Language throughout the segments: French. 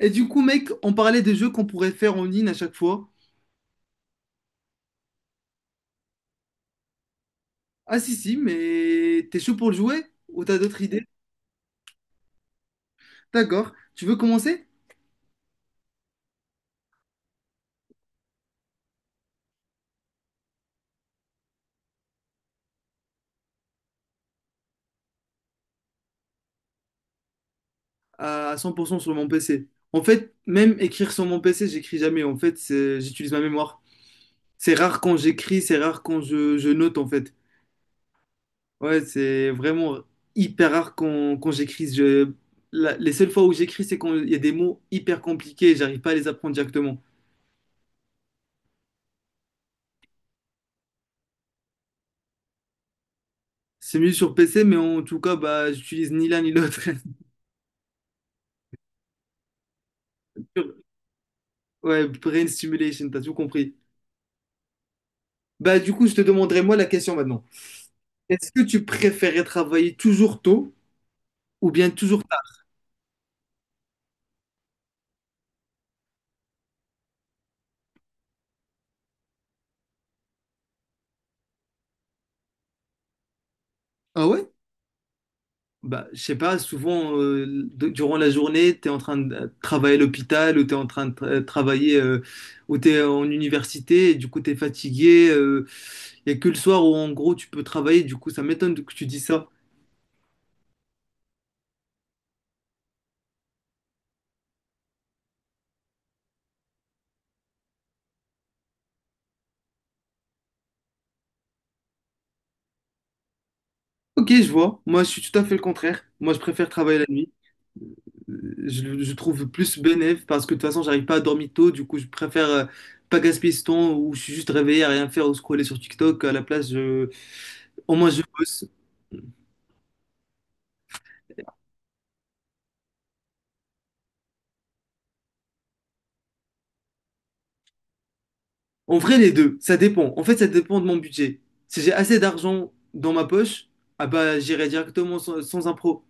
Et du coup, mec, on parlait des jeux qu'on pourrait faire en ligne à chaque fois. Ah si, si, mais t'es chaud pour le jouer? Ou t'as d'autres idées? D'accord. Tu veux commencer? À 100% sur mon PC. En fait, même écrire sur mon PC, j'écris jamais. En fait, j'utilise ma mémoire. C'est rare quand j'écris, c'est rare quand je note, en fait. Ouais, c'est vraiment hyper rare quand, quand j'écris. Les seules fois où j'écris, c'est quand il y a des mots hyper compliqués et j'arrive pas à les apprendre directement. C'est mieux sur PC, mais en tout cas, bah, j'utilise ni l'un ni l'autre. Ouais, brain stimulation, t'as tout compris. Bah, du coup, je te demanderai moi la question maintenant. Est-ce que tu préférais travailler toujours tôt ou bien toujours tard? Ah ouais? Bah, je sais pas, souvent, durant la journée, t'es en train de travailler à l'hôpital ou t'es en train de travailler ou t'es en université et du coup, t'es fatigué. Il y a que le soir où, en gros, tu peux travailler. Du coup, ça m'étonne que tu dis ça. Ok, je vois. Moi, je suis tout à fait le contraire. Moi, je préfère travailler la nuit. Je trouve plus bénéf parce que de toute façon, j'arrive pas à dormir tôt. Du coup, je préfère pas gaspiller ce temps où je suis juste réveillé à rien faire ou scroller sur TikTok. À la place, je... au moins, je bosse. En vrai, les deux, ça dépend. En fait, ça dépend de mon budget. Si j'ai assez d'argent dans ma poche, ah bah, j'irai directement sans, sans impro.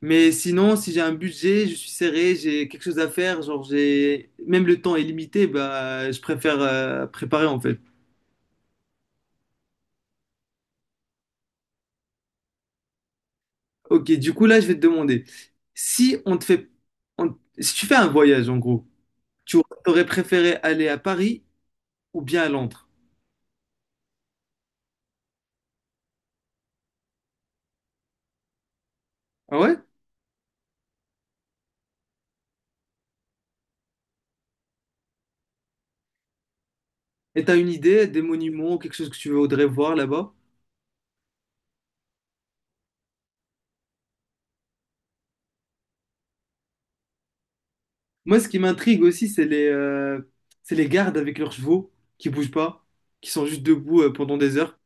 Mais sinon, si j'ai un budget, je suis serré, j'ai quelque chose à faire, genre j'ai même le temps est limité, bah, je préfère préparer en fait. Ok, du coup, là, je vais te demander, si on te fait, si tu fais un voyage, en gros, tu aurais préféré aller à Paris ou bien à Londres? Ah ouais? Et t'as une idée des monuments, quelque chose que tu voudrais voir là-bas? Moi, ce qui m'intrigue aussi, c'est les gardes avec leurs chevaux qui bougent pas, qui sont juste debout pendant des heures.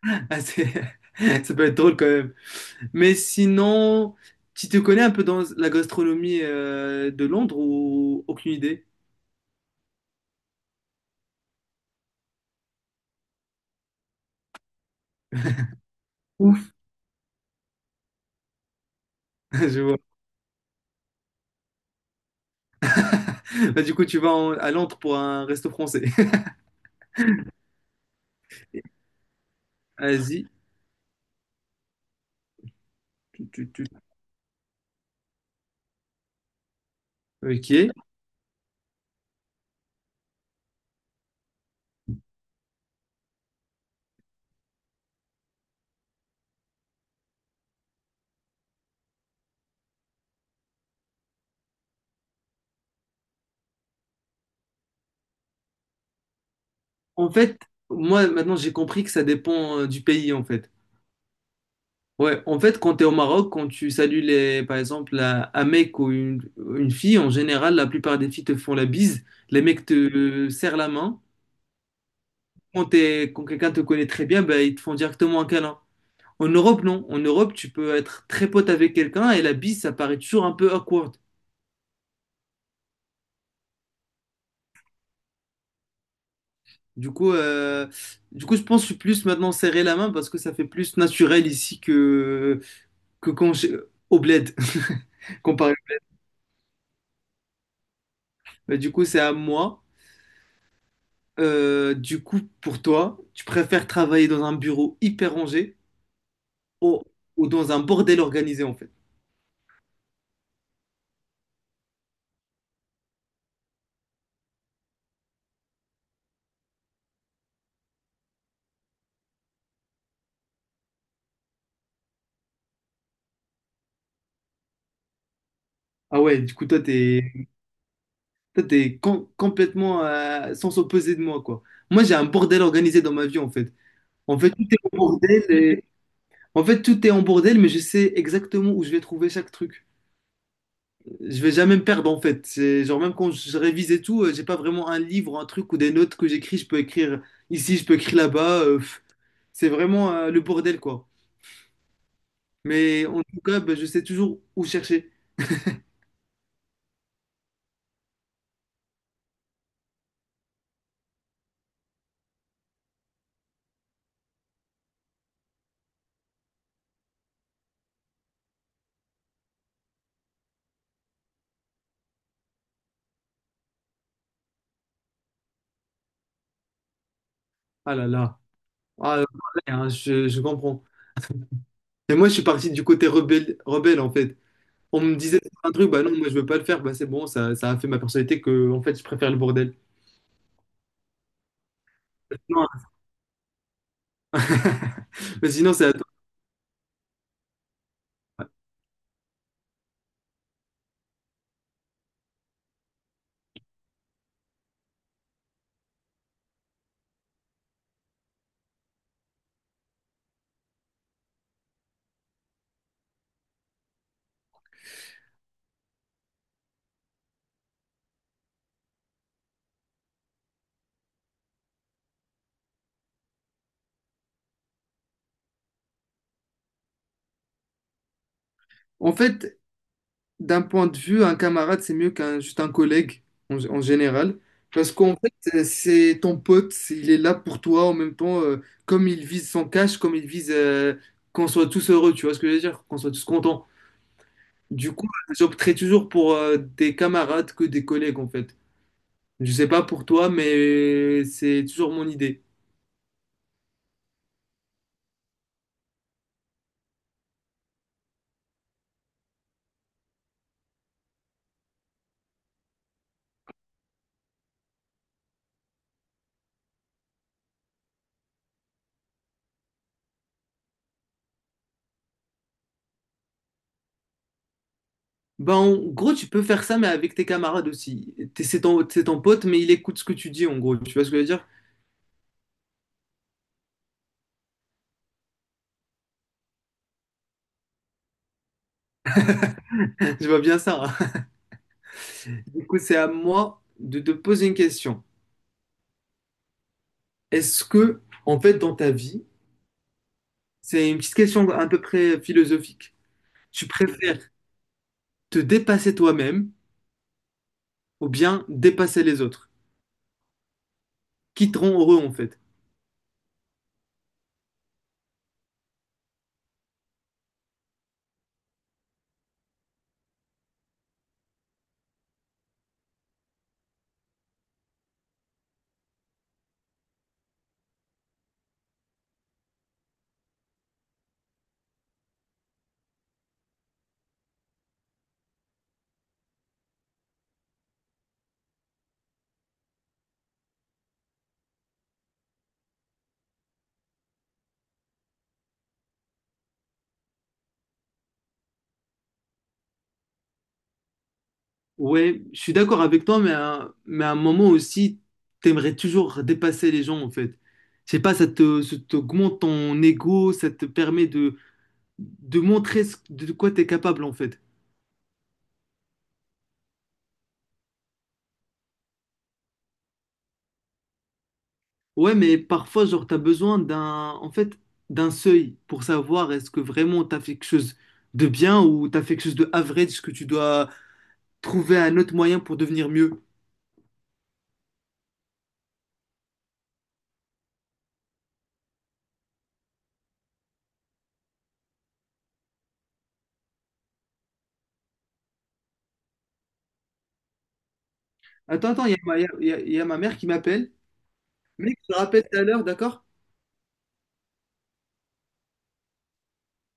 Ah, ça peut être drôle quand même. Mais sinon, tu te connais un peu dans la gastronomie de Londres ou aucune idée? Ouf, je vois. Bah, du coup, tu vas à Londres pour un resto français. Asie. Tu. Ok. En fait, moi, maintenant, j'ai compris que ça dépend du pays, en fait. Ouais, en fait, quand tu es au Maroc, quand tu salues, les, par exemple, un mec ou une fille, en général, la plupart des filles te font la bise. Les mecs te serrent la main. Quand, quand quelqu'un te connaît très bien, bah, ils te font directement un câlin. En Europe, non. En Europe, tu peux être très pote avec quelqu'un et la bise, ça paraît toujours un peu awkward. Du coup, je pense que je suis plus maintenant serrer la main parce que ça fait plus naturel ici que au bled, comparé. Mais du coup, c'est à moi. Du coup, pour toi, tu préfères travailler dans un bureau hyper rangé ou, ou dans un bordel organisé en fait? Ah ouais, du coup, toi, t'es complètement sans s'opposer de moi, quoi. Moi, j'ai un bordel organisé dans ma vie en fait. En fait, tout est en bordel et- En fait, tout est en bordel, mais je sais exactement où je vais trouver chaque truc. Je vais jamais me perdre en fait. C'est genre même quand je révise et tout, j'ai pas vraiment un livre, un truc ou des notes que j'écris. Je peux écrire ici, je peux écrire là-bas. C'est vraiment le bordel quoi. Mais en tout cas, bah, je sais toujours où chercher. Ah là là. Ah là là, hein, je comprends. Et moi, je suis parti du côté rebelle, rebelle en fait. On me disait un truc, bah non, moi je veux pas le faire, bah c'est bon, ça a fait ma personnalité que en fait je préfère le bordel. Non, mais sinon, c'est à toi. En fait, d'un point de vue, un camarade, c'est mieux qu'un juste un collègue en général. Parce qu'en fait, c'est ton pote, il est là pour toi en même temps, comme il vise son cash, comme il vise qu'on soit tous heureux, tu vois ce que je veux dire? Qu'on soit tous contents. Du coup, j'opterais toujours pour des camarades que des collègues en fait. Je sais pas pour toi, mais c'est toujours mon idée. Ben, en gros, tu peux faire ça, mais avec tes camarades aussi. C'est c'est ton pote, mais il écoute ce que tu dis, en gros. Tu vois ce que je veux dire? Je vois bien ça. Du coup, c'est à moi de te poser une question. Est-ce que, en fait, dans ta vie, c'est une petite question à peu près philosophique. Tu préfères te dépasser toi-même ou bien dépasser les autres, qui te rend heureux, en fait. Ouais, je suis d'accord avec toi, mais à un moment aussi, t'aimerais toujours dépasser les gens, en fait. Je sais pas, ça t'augmente ton ego, ça te permet de montrer de quoi t'es capable, en fait. Ouais, mais parfois, genre, t'as besoin d'un, en fait, d'un seuil pour savoir est-ce que vraiment t'as fait quelque chose de bien ou t'as fait quelque chose de average que tu dois trouver un autre moyen pour devenir mieux. Attends, attends, il y a ma mère qui m'appelle. Mec, je te rappelle tout à l'heure, d'accord?